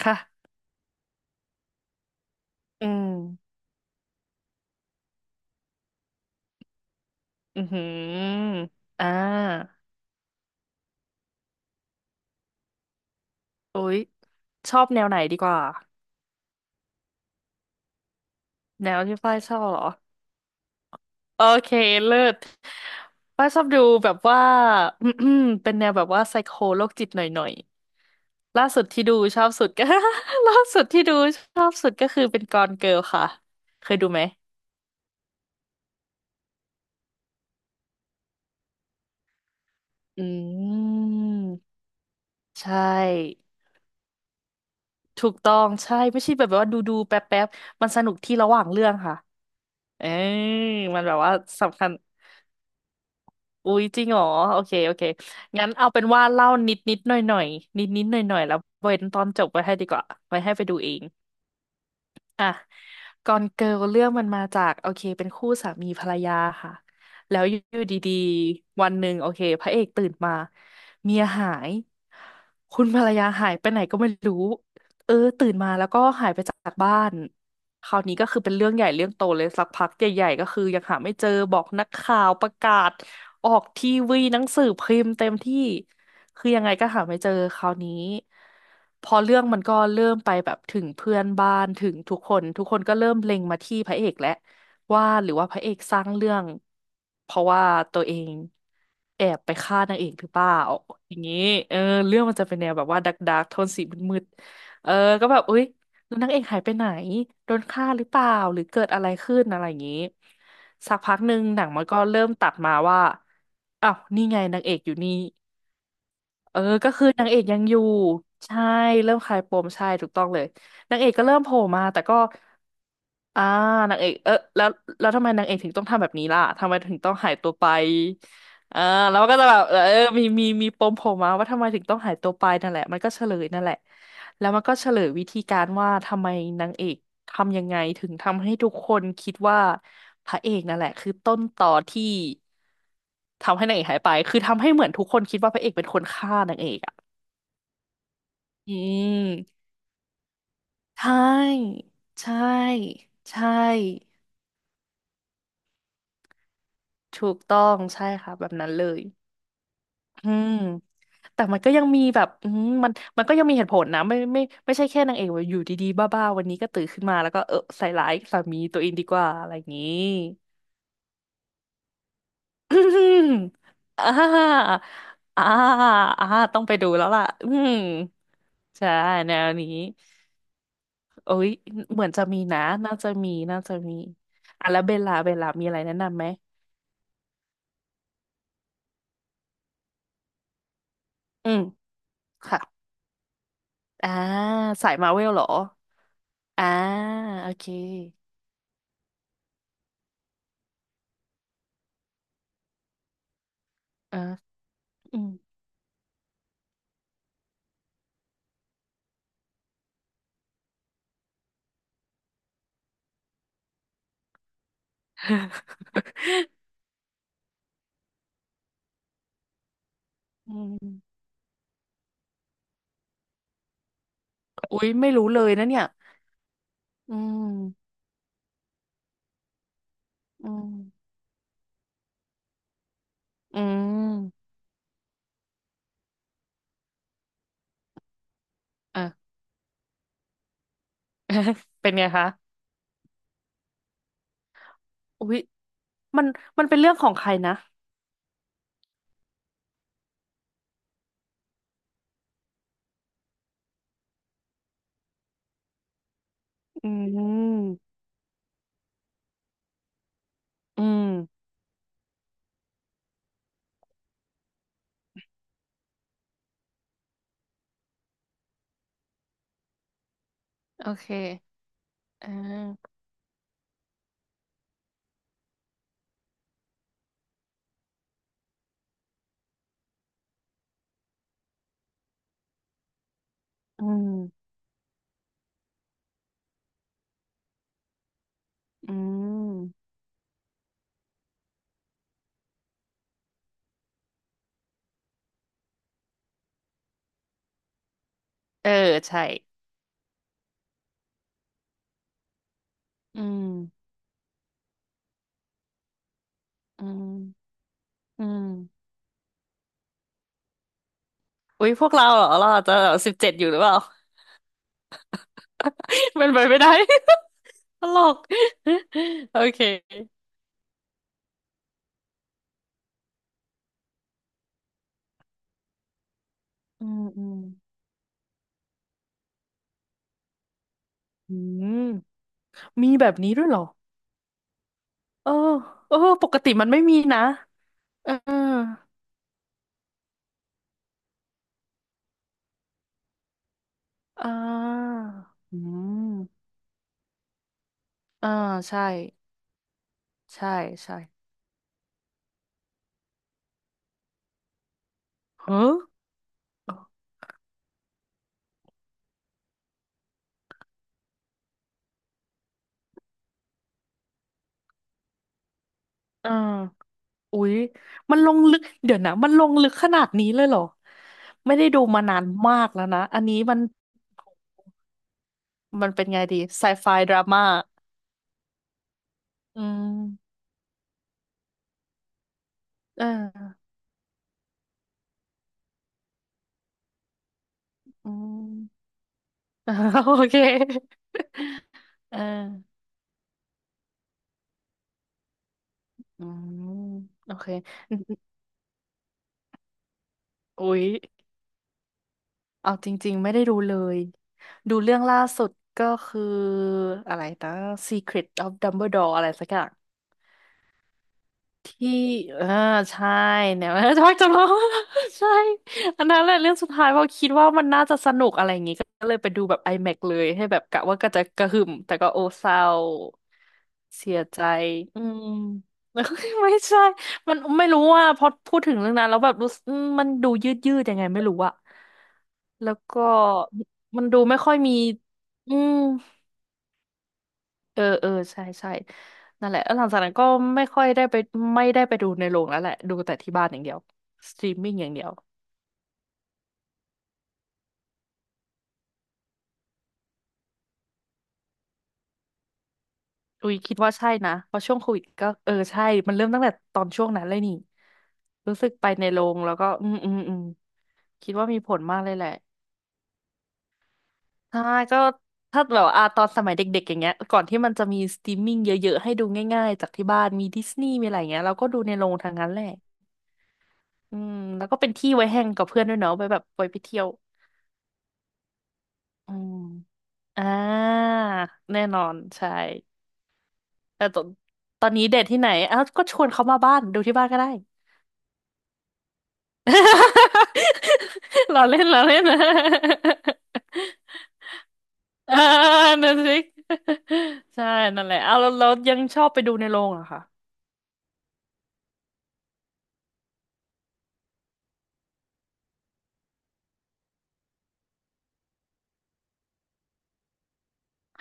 ค่ะอืมอือหืออ่าอุ๊ยชอบแนวไหนดีกว่า แนวที่ฝ้ายชอบเหรอ โอเค เลิศฝ้ายชอบดูแบบว่า เป็นแนวแบบว่าไซโคโรคจิตหน่อยๆล่าสุดที่ดูชอบสุดก็ ล่าสุดที่ดูชอบสุดก็คือเป็นกอนเกิลค่ะ เคยดูไหมอืมใช่ ถูกต้อง ใช่ ไม่ใช่แบบว่าดูแป๊บแป๊บมันสนุกที่ระหว่างเรื่องค่ะเออมันแบบว่าสำคัญ อุ๊ยจริงเหรอโอเคโอเคงั้นเอาเป็นว่าเล่านิดนิดหน่อยหน่อยนิดนิดหน่อยหน่อยๆแล้วเว้นตอนจบไว้ให้ดีกว่าไว้ให้ไปดูเอง อ่ะกอนเกิลเรื่องมันมาจากโอเคเป็นคู่สามีภรรยาค่ะแล้วอยู่ดีๆวันหนึ่งโอเคพระเอกตื่นมาเมียหายคุณภรรยาหายไปไหนก็ไม่รู้เออตื่นมาแล้วก็หายไปจากบ้านคราวนี้ก็คือเป็นเรื่องใหญ่เรื่องโตเลยสักพักใหญ่ๆก็คือยังหาไม่เจอบอกนักข่าวประกาศออกทีวีหนังสือพิมพ์เต็มที่ คือยังไงก็หาไม่เจอคราวนี้พอเรื่องมันก็เริ่มไปแบบถึงเพื่อนบ้านถึงทุกคนทุกคนก็เริ่มเล็งมาที่พระเอกแล้วว่าหรือว่าพระเอกสร้างเรื่องเพราะว่าตัวเองแอบไปฆ่านางเอกหรือเปล่าอย่างนี้เออเรื่องมันจะเป็นแนวแบบว่าดักโทนสีมืดๆเออก็แบบอุ๊ยแล้วนางเอกหายไปไหนโดนฆ่าหรือเปล่าหรือเกิดอะไรขึ้นอะไรอย่างนี้สักพักหนึ่งหนังมันก็เริ่มตัดมาว่าอ้าวนี่ไงนางเอกอยู่นี่ เออก็คือนางเอกยังอยู่ใช่เริ่มคลายปมใช่ถูกต้องเลยนางเอกก็เริ่มโผล่มาแต่ก็อ่านางเอกเออแล้วแล้วทำไมนางเอกถึงต้องทำแบบนี้ล่ะทำไมถึงต้องหายตัวไปอ่าแล้วมันก็จะแบบเออมีปมโผล่มาว่าทำไมถึงต้องหายตัวไปนั่นแหละมันก็เฉลยนั่นแหละแล้วมันก็เฉลยวิธีการว่าทำไมนางเอก ทำยังไงถึงทำให้ทุกคนคิดว่าพระเอกนั่นแหละคือต้นต่อที่ทำให้นางเอกหายไปคือทำให้เหมือนทุกคนคิดว่าพระเอกเป็นคนฆ่านางเอกอ่ะอืมใช่ใช่ใช่ถูกต้องใช่ค่ะแบบนั้นเลยอืมแต่มันก็ยังมีแบบอืมมันมันก็ยังมีเหตุผลนะไม่ใช่แค่นางเอกว่าอยู่ดีๆบ้าๆวันนี้ก็ตื่นขึ้นมาแล้วก็เออใส่ร้ายสามีตัวเองดีกว่าอะไรอย่างนี้ อืมอ่าอ่าอ่าต้องไปดูแล้วล่ะอืมใช่แนวนี้โอ้ยเหมือนจะมีนะน่าจะมีน่าจะมีอ่ะแล้วเบลล่าเบลล่ามีอะไรแนะนำไหมอืมค่ะอ่าสายมาเวลเหรออ่าโอเคอ่าอืม อืมอุ้ยไม่รู้เลยนะเนี่ยอืมอืมอืมอ่ะ เป็นไงคะอุ้ยมันมันเป็นเรื่องของใครนะ อืมอืมโอเคอ่าอืมอืมเออใช่อืมอืมอืมอุ๊ยพวกเราเหรอเราอาจจะ17อยู่หรือเปล่า มันไปไม่ได้ ตลก โอเคอืมอืมอืมมีแบบนี้ด้วยเหรอเออเออปกติมันไม่มีนะเอออ่าอืมอ่าใช่ใช่ใช่เฮ้ออ่า อุ๊ยมันลงลึกเดี๋ยวนะมันลงลึกขนาดนี้เลยเหรอ ไม่ได้ดูมานานมากแล้วนะ อันนี้มันเป็นไงดีไซไฟดราม่าอืมเอออืม โอเคเอออืมโอเคอุ๊ยเอาจริงๆไม่ได้ดูเลย ดูเรื่องล่าสุดก็คืออะไรนะ Secret of Dumbledore อะไรสักอย่าง ที่เออใช่เนี่ย ชอบจะร้อง ใช่อันนั้นแหละเรื่องสุดท้ายเพราะคิดว่ามันน่าจะสนุกอะไรอย่างงี้ก็เลยไปดูแบบ IMAX เลยให้แบบกะว่าก็จะกระหึ่มแต่ก็โอเศร้าเสียใจอืม ไม่ใช่มันไม่รู้ว่าพอพูดถึงเรื่องนั้นแล้วแบบรู้สึกอืมมันดูยืดยังไงไม่รู้อะแล้วก็มันดูไม่ค่อยมีอืม เอออใช่ใช่นั่นแหละแล้วหลังจากนั้นก็ไม่ค่อยได้ไปไม่ได้ไปดูในโรงแล้วแหละดูแต่ที่บ้านอย่างเดียวสตรีมมิ่งอย่างเดียวอุ้ยคิดว่าใช่นะเพราะช่วงโควิดก็เออใช่มันเริ่มตั้งแต่ตอนช่วงนั้นเลยนี่รู้สึกไปในโรงแล้วก็อืมอืมอืมคิดว่ามีผลมากเลยแหละใช่ก็ถ้าแบบอ่าตอนสมัยเด็กๆอย่างเงี้ยก่อนที่มันจะมีสตรีมมิ่งเยอะๆให้ดูง่ายๆจากที่บ้านมีดิสนีย์มีอะไรอย่างเงี้ยเราก็ดูในโรงทางนั้นแหละอืมแล้วก็เป็นที่ไว้แฮงกับเพื่อนด้วยเนาะไปแบบไปเที่ยวอืม อ่าแน่นอนใช่แต่ตอนตอนนี้เดทที่ไหนอ้าวก็ชวนเขามาบ้านดูที่บ้านก็ได้ เราเล่น นะเออนั่นสิใช่นั่นแหละเอาแล้วแล้วยังชอบไปดูในโรงเหรอคะ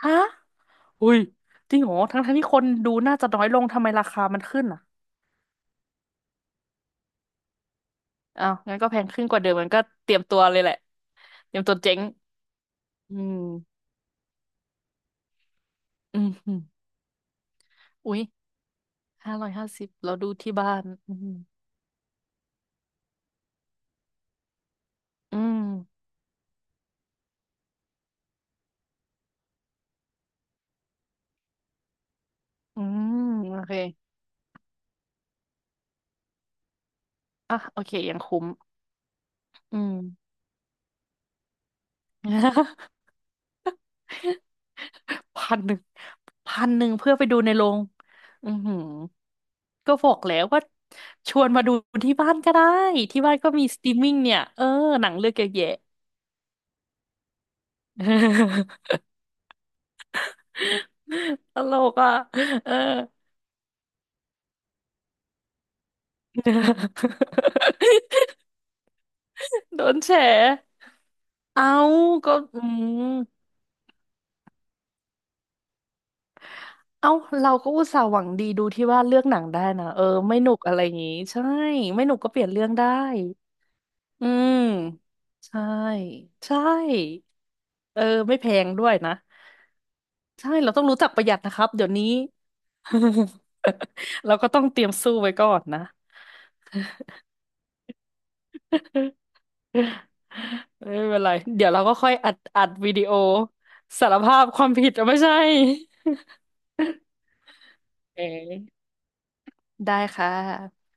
ฮะอุ้ยจริงเหรอทั้งที่คนดูน่าจะน้อยลงทำไมราคามันขึ้นอ่ะอ้าวงั้นก็แพงขึ้นกว่าเดิมมันก็เตรียมตัวเลยแหละเตรียมตัวเจ๊งอืมอืมอมอุ้ย 550เราดูที่บ้านอืมอืมอืมโอเคอ่ะโอเคยังคุ้มอืม 1,0001,000เพื่อไปดูในโรงอือหือก็บอกแล้วว่าชวนมาดูที่บ้านก็ได้ที่บ้านก็มีสตรีมมิ่งเนี่ยเออหนังเลือกเยอะแยะ ตลกอ่ะเออ โดนแฉเอาก็อืม เอ้าเราก็อุตส่าห์หวังดีดูที่ว่าเลือกหนังได้นะเออไม่หนุกอะไรอย่างงี้ใช่ไม่หนุกก็เปลี่ยนเรื่องได้อืมใช่ใช่เออไม่แพงด้วยนะใช่เราต้องรู้จักประหยัดนะครับเดี๋ยวนี้ เราก็ต้องเตรียมสู้ไว้ก่อนนะ ไม่เป็นไรเดี๋ยวเราก็ค่อยอัดวิดีโอสารภาพความผิดเอาไม่ใช่เออได้ค่ะ